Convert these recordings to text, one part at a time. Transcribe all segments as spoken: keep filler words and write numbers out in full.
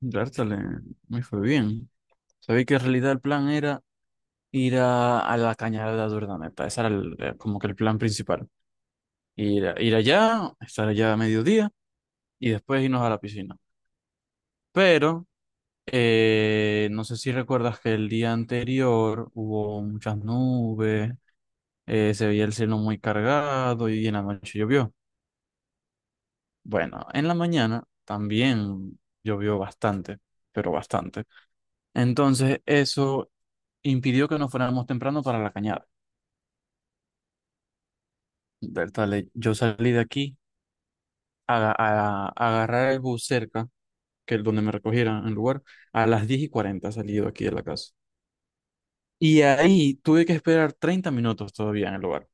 Bertale, me fue bien. Sabía que en realidad el plan era ir a, a la cañada de Urdaneta. Ese era el- eh, como que el plan principal. Ir, a- ir allá, estar allá a mediodía y después irnos a la piscina. Pero eh, no sé si recuerdas que el día anterior hubo muchas nubes, eh, se veía el cielo muy cargado y en la noche llovió. Bueno, en la mañana también llovió bastante, pero bastante. Entonces, eso impidió que nos fuéramos temprano para la cañada. Del tal, eh, yo salí de aquí a, a- a agarrar el bus cerca, que es donde me recogieran el lugar, a las diez y cuarenta salí de aquí de la casa. Y ahí tuve que esperar treinta minutos todavía en el lugar.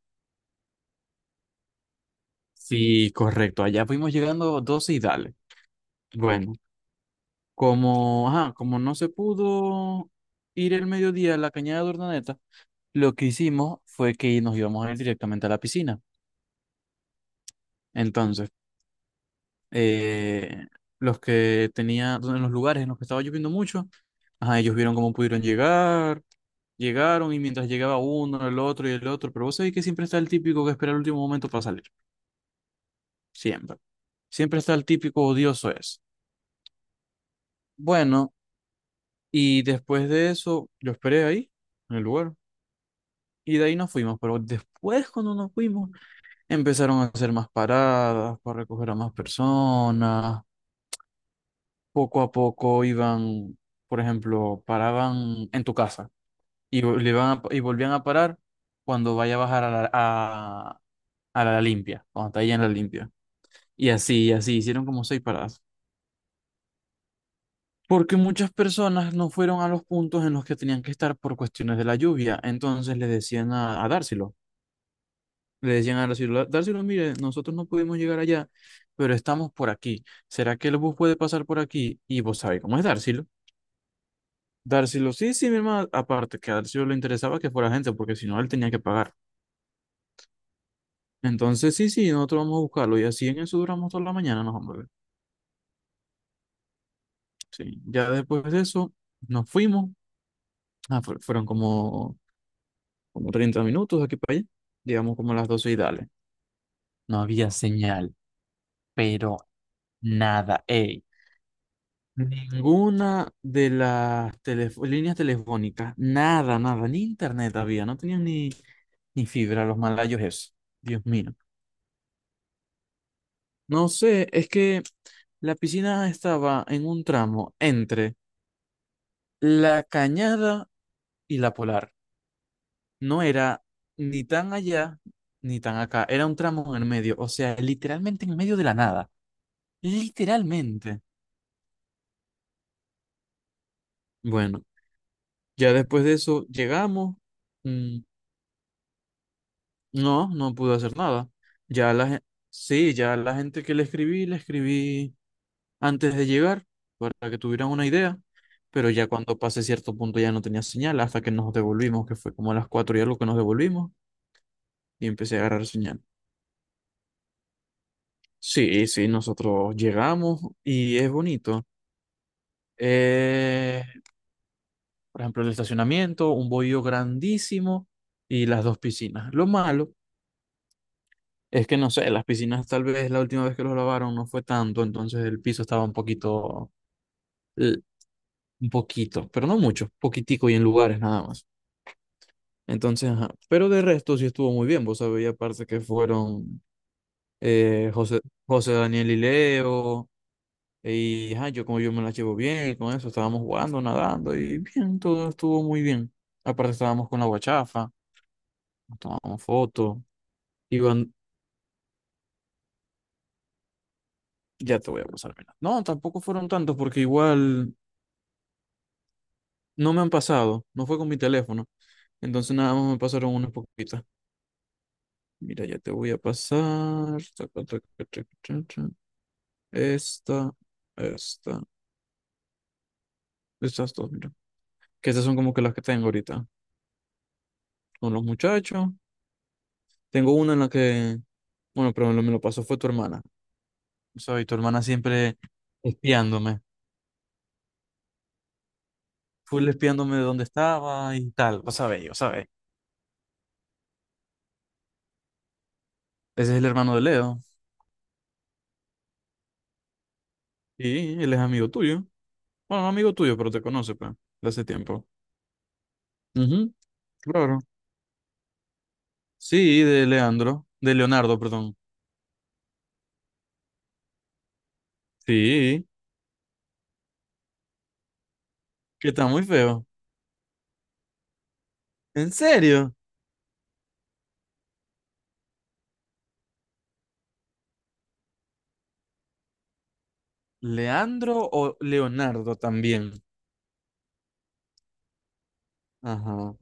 Sí, correcto, allá fuimos llegando doce y dale. Bueno, como, ajá, como no se pudo ir el mediodía a la cañada de Urdaneta, lo que hicimos fue que nos íbamos a ir directamente a la piscina. Entonces, eh, los que tenía, en los lugares en los que estaba lloviendo mucho, ajá, ellos vieron cómo pudieron llegar, llegaron y mientras llegaba uno, el otro y el otro, pero vos sabés que siempre está el típico que espera el último momento para salir, siempre, siempre está el típico odioso es. Bueno, y después de eso, yo esperé ahí, en el lugar, y de ahí nos fuimos, pero después cuando nos fuimos, empezaron a hacer más paradas para recoger a más personas poco a poco iban, por ejemplo, paraban en tu casa y, vo- le iban a- y volvían a parar cuando vaya a bajar a la, a, a la limpia, cuando está ahí en la limpia. Y así, y así, hicieron como seis paradas. Porque muchas personas no fueron a los puntos en los que tenían que estar por cuestiones de la lluvia. Entonces le decían a, a Dárselo, le decían a Dárselo, Dárselo, mire, nosotros no pudimos llegar allá, pero estamos por aquí. ¿Será que el bus puede pasar por aquí? Y vos sabés cómo es Dárselo. Darcylo, sí, sí, mi hermano, aparte que a Darcylo le interesaba que fuera gente, porque si no, él tenía que pagar. Entonces, sí, sí, nosotros vamos a buscarlo y así en eso duramos toda la mañana, nos vamos. Sí, ya después de eso nos fuimos. Ah, fue- fueron como, como, treinta minutos de aquí para allá, digamos como las doce y dale. No había señal, pero nada, ey. Ninguna de las telef- líneas telefónicas, nada, nada, ni internet había, no tenían ni, ni fibra los malayos eso. Dios mío. No sé, es que la piscina estaba en un tramo entre la Cañada y la Polar. No era ni tan allá ni tan acá, era un tramo en el medio, o sea, literalmente en medio de la nada, literalmente. Bueno, ya después de eso llegamos. mm, no, no pude hacer nada. Ya la, gen- sí, ya la gente que le escribí, le escribí antes de llegar para que tuvieran una idea, pero ya cuando pasé cierto punto ya no tenía señal hasta que nos devolvimos, que fue como a las cuatro y algo que nos devolvimos y empecé a agarrar señal. Sí, sí, nosotros llegamos y es bonito. Eh, por ejemplo, el estacionamiento, un bohío grandísimo y las dos piscinas. Lo malo es que no sé, las piscinas tal vez la última vez que los lavaron no fue tanto, entonces el piso estaba un poquito, eh, un poquito, pero no mucho, poquitico y en lugares nada más. Entonces, ajá. Pero de resto sí estuvo muy bien, vos sabéis, aparte que fueron eh, José, José Daniel y Leo, y ajá, yo como yo me la llevo bien, y con eso estábamos jugando, nadando, y bien, todo estuvo muy bien. Aparte estábamos con la guachafa, nos tomábamos fotos, iban, ya te voy a pasar, mira. No, tampoco fueron tantos, porque igual no me han pasado, no fue con mi teléfono. Entonces nada más me pasaron unas poquitas. Mira, ya te voy a pasar. Esta, esta, estas dos, mira. Que estas son como que las que tengo ahorita. Con los muchachos. Tengo una en la que, bueno, pero me lo, me lo pasó fue tu hermana. ¿Sabes? Y tu hermana siempre espiándome. Full espiándome de dónde estaba y tal. Vos sabés, yo sabés. Ese es el hermano de Leo. Y él es amigo tuyo. Bueno, no amigo tuyo, pero te conoce, pues, de hace tiempo. Ujú, claro. Sí, de Leandro. De Leonardo, perdón. Sí, que está muy feo. ¿En serio? Leandro o Leonardo también. Ajá.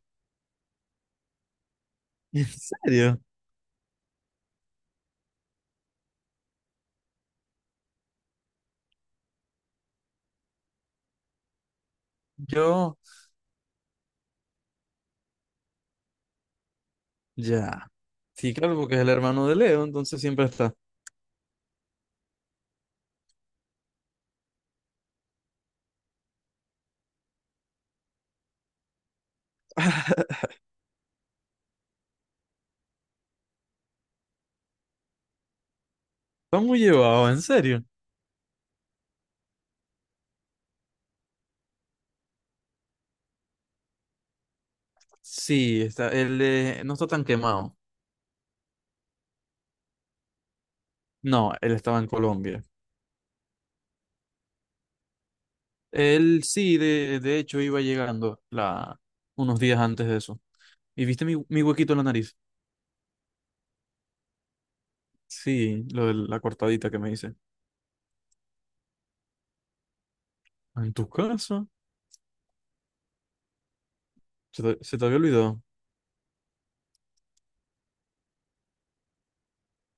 ¿En serio? Yo, ya. Sí, claro, porque es el hermano de Leo, entonces siempre está. Está muy llevado, en serio. Sí, está, él eh, no está tan quemado. No, él estaba en Colombia. Él sí, de, de hecho, iba llegando la, unos días antes de eso. ¿Y viste mi, mi huequito en la nariz? Sí, lo de la cortadita que me hice. ¿En tu casa? ¿Se te, se te había olvidado?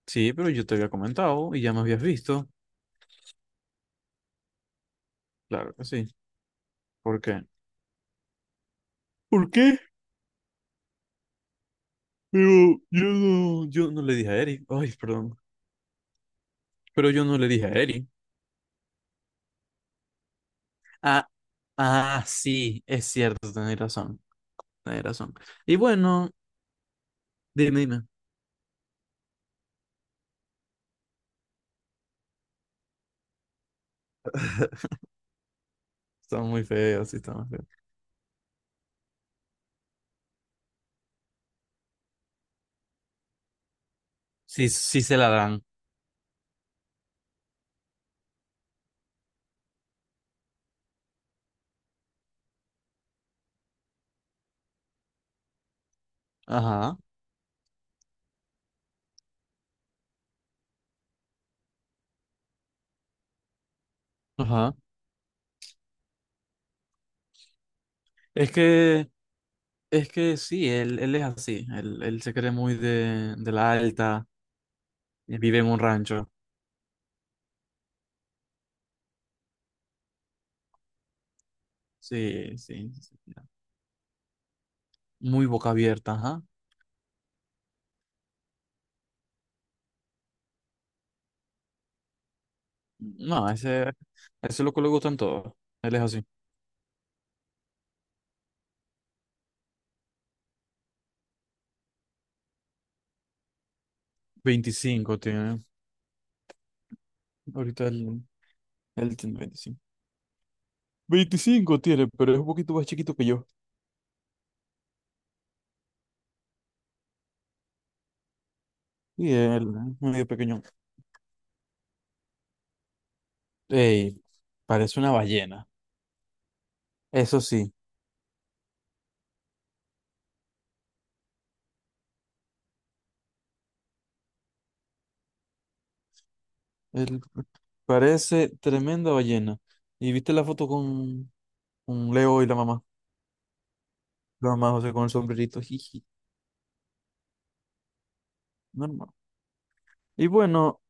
Sí, pero yo te había comentado y ya me habías visto. Claro que sí. ¿Por qué? ¿Por qué? Pero yo no, yo no le dije a Eric. Ay, perdón. Pero yo no le dije a Eric. Ah, ah, sí, es cierto, tenés razón. Tenés razón. Y bueno, dime, dime. Está muy feo, sí, está muy feo. Sí, sí se la dan. Ajá, ajá. Es que, es que sí, él, él es así. Él, él se cree muy de, de la alta. Vive en un rancho. Sí, sí, sí. Muy boca abierta, ajá. No, ese, ese es lo que le gustan todos. Él es así. Veinticinco tiene. Ahorita él, él tiene veinticinco veinticinco tiene, pero es un poquito más chiquito que yo. Y él, ¿eh? Medio pequeño. Ey, parece una ballena. Eso sí, él parece tremenda ballena. ¿Y viste la foto con, con, Leo y la mamá? La mamá José con el sombrerito. Jiji, normal. Y bueno,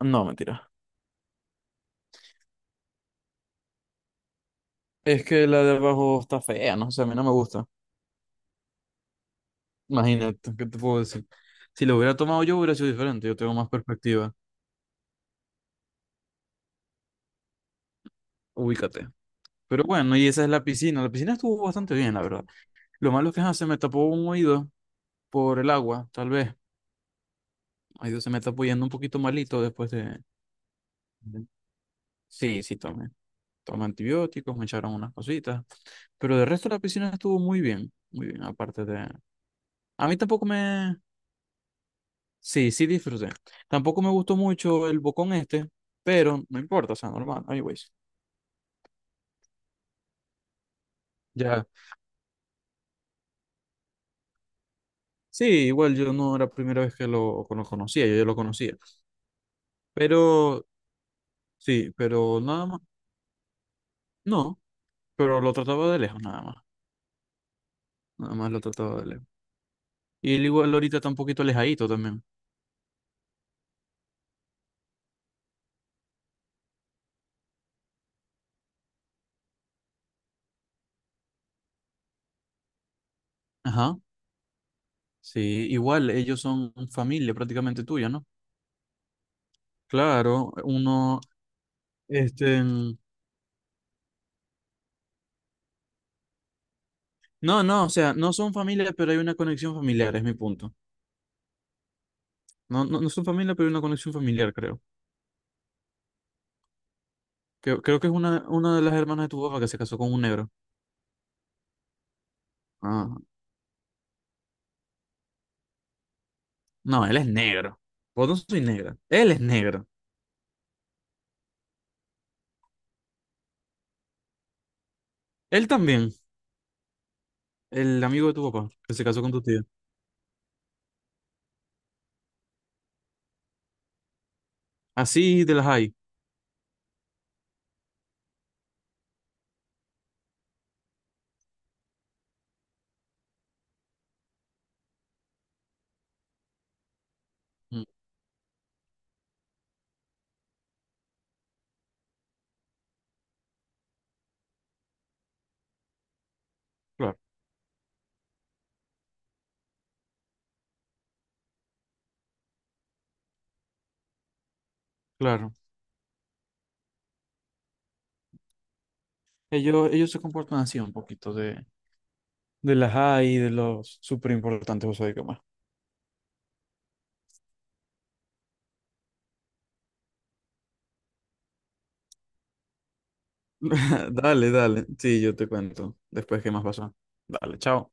no, mentira. Es que la de abajo está fea, no sé, a mí no me gusta. Imagínate, ¿qué te puedo decir? Si lo hubiera tomado yo, hubiera sido diferente. Yo tengo más perspectiva. Ubícate. Pero bueno, y esa es la piscina. La piscina estuvo bastante bien, la verdad. Lo malo es que ajá, se me tapó un oído por el agua, tal vez. Oído se me está apoyando un poquito malito después de. De. Sí, sí, tomé. Tomé antibióticos, me echaron unas cositas. Pero de resto, la piscina estuvo muy bien. Muy bien, aparte de. A mí tampoco me. Sí, sí disfruté. Tampoco me gustó mucho el bocón este, pero no importa, o sea, normal. Anyways. Ya. Sí, igual yo no era la primera vez que lo, lo conocía, yo ya lo conocía. Pero, sí, pero nada más, no, pero lo trataba de lejos nada más, nada más lo trataba de lejos. Y él igual ahorita está un poquito alejadito también. Ajá, sí, igual ellos son familia prácticamente tuya, ¿no? Claro, uno, este, mm, no, no, o sea, no son familia, pero hay una conexión familiar, es mi punto. No, no, no son familia, pero hay una conexión familiar, creo. Creo, creo que es una, una de las hermanas de tu papá que se casó con un negro. Ah, no, él es negro. Vos no sois negra. Él es negro. Él también. El amigo de tu papá, que se casó con tu tía. Así de las hay. Mm, claro, claro. Ellos, ellos se comportan así un poquito de, de las hay, de los súper importantes, vos sabés qué más. Dale, dale. Sí, yo te cuento después qué más pasó. Dale, chao.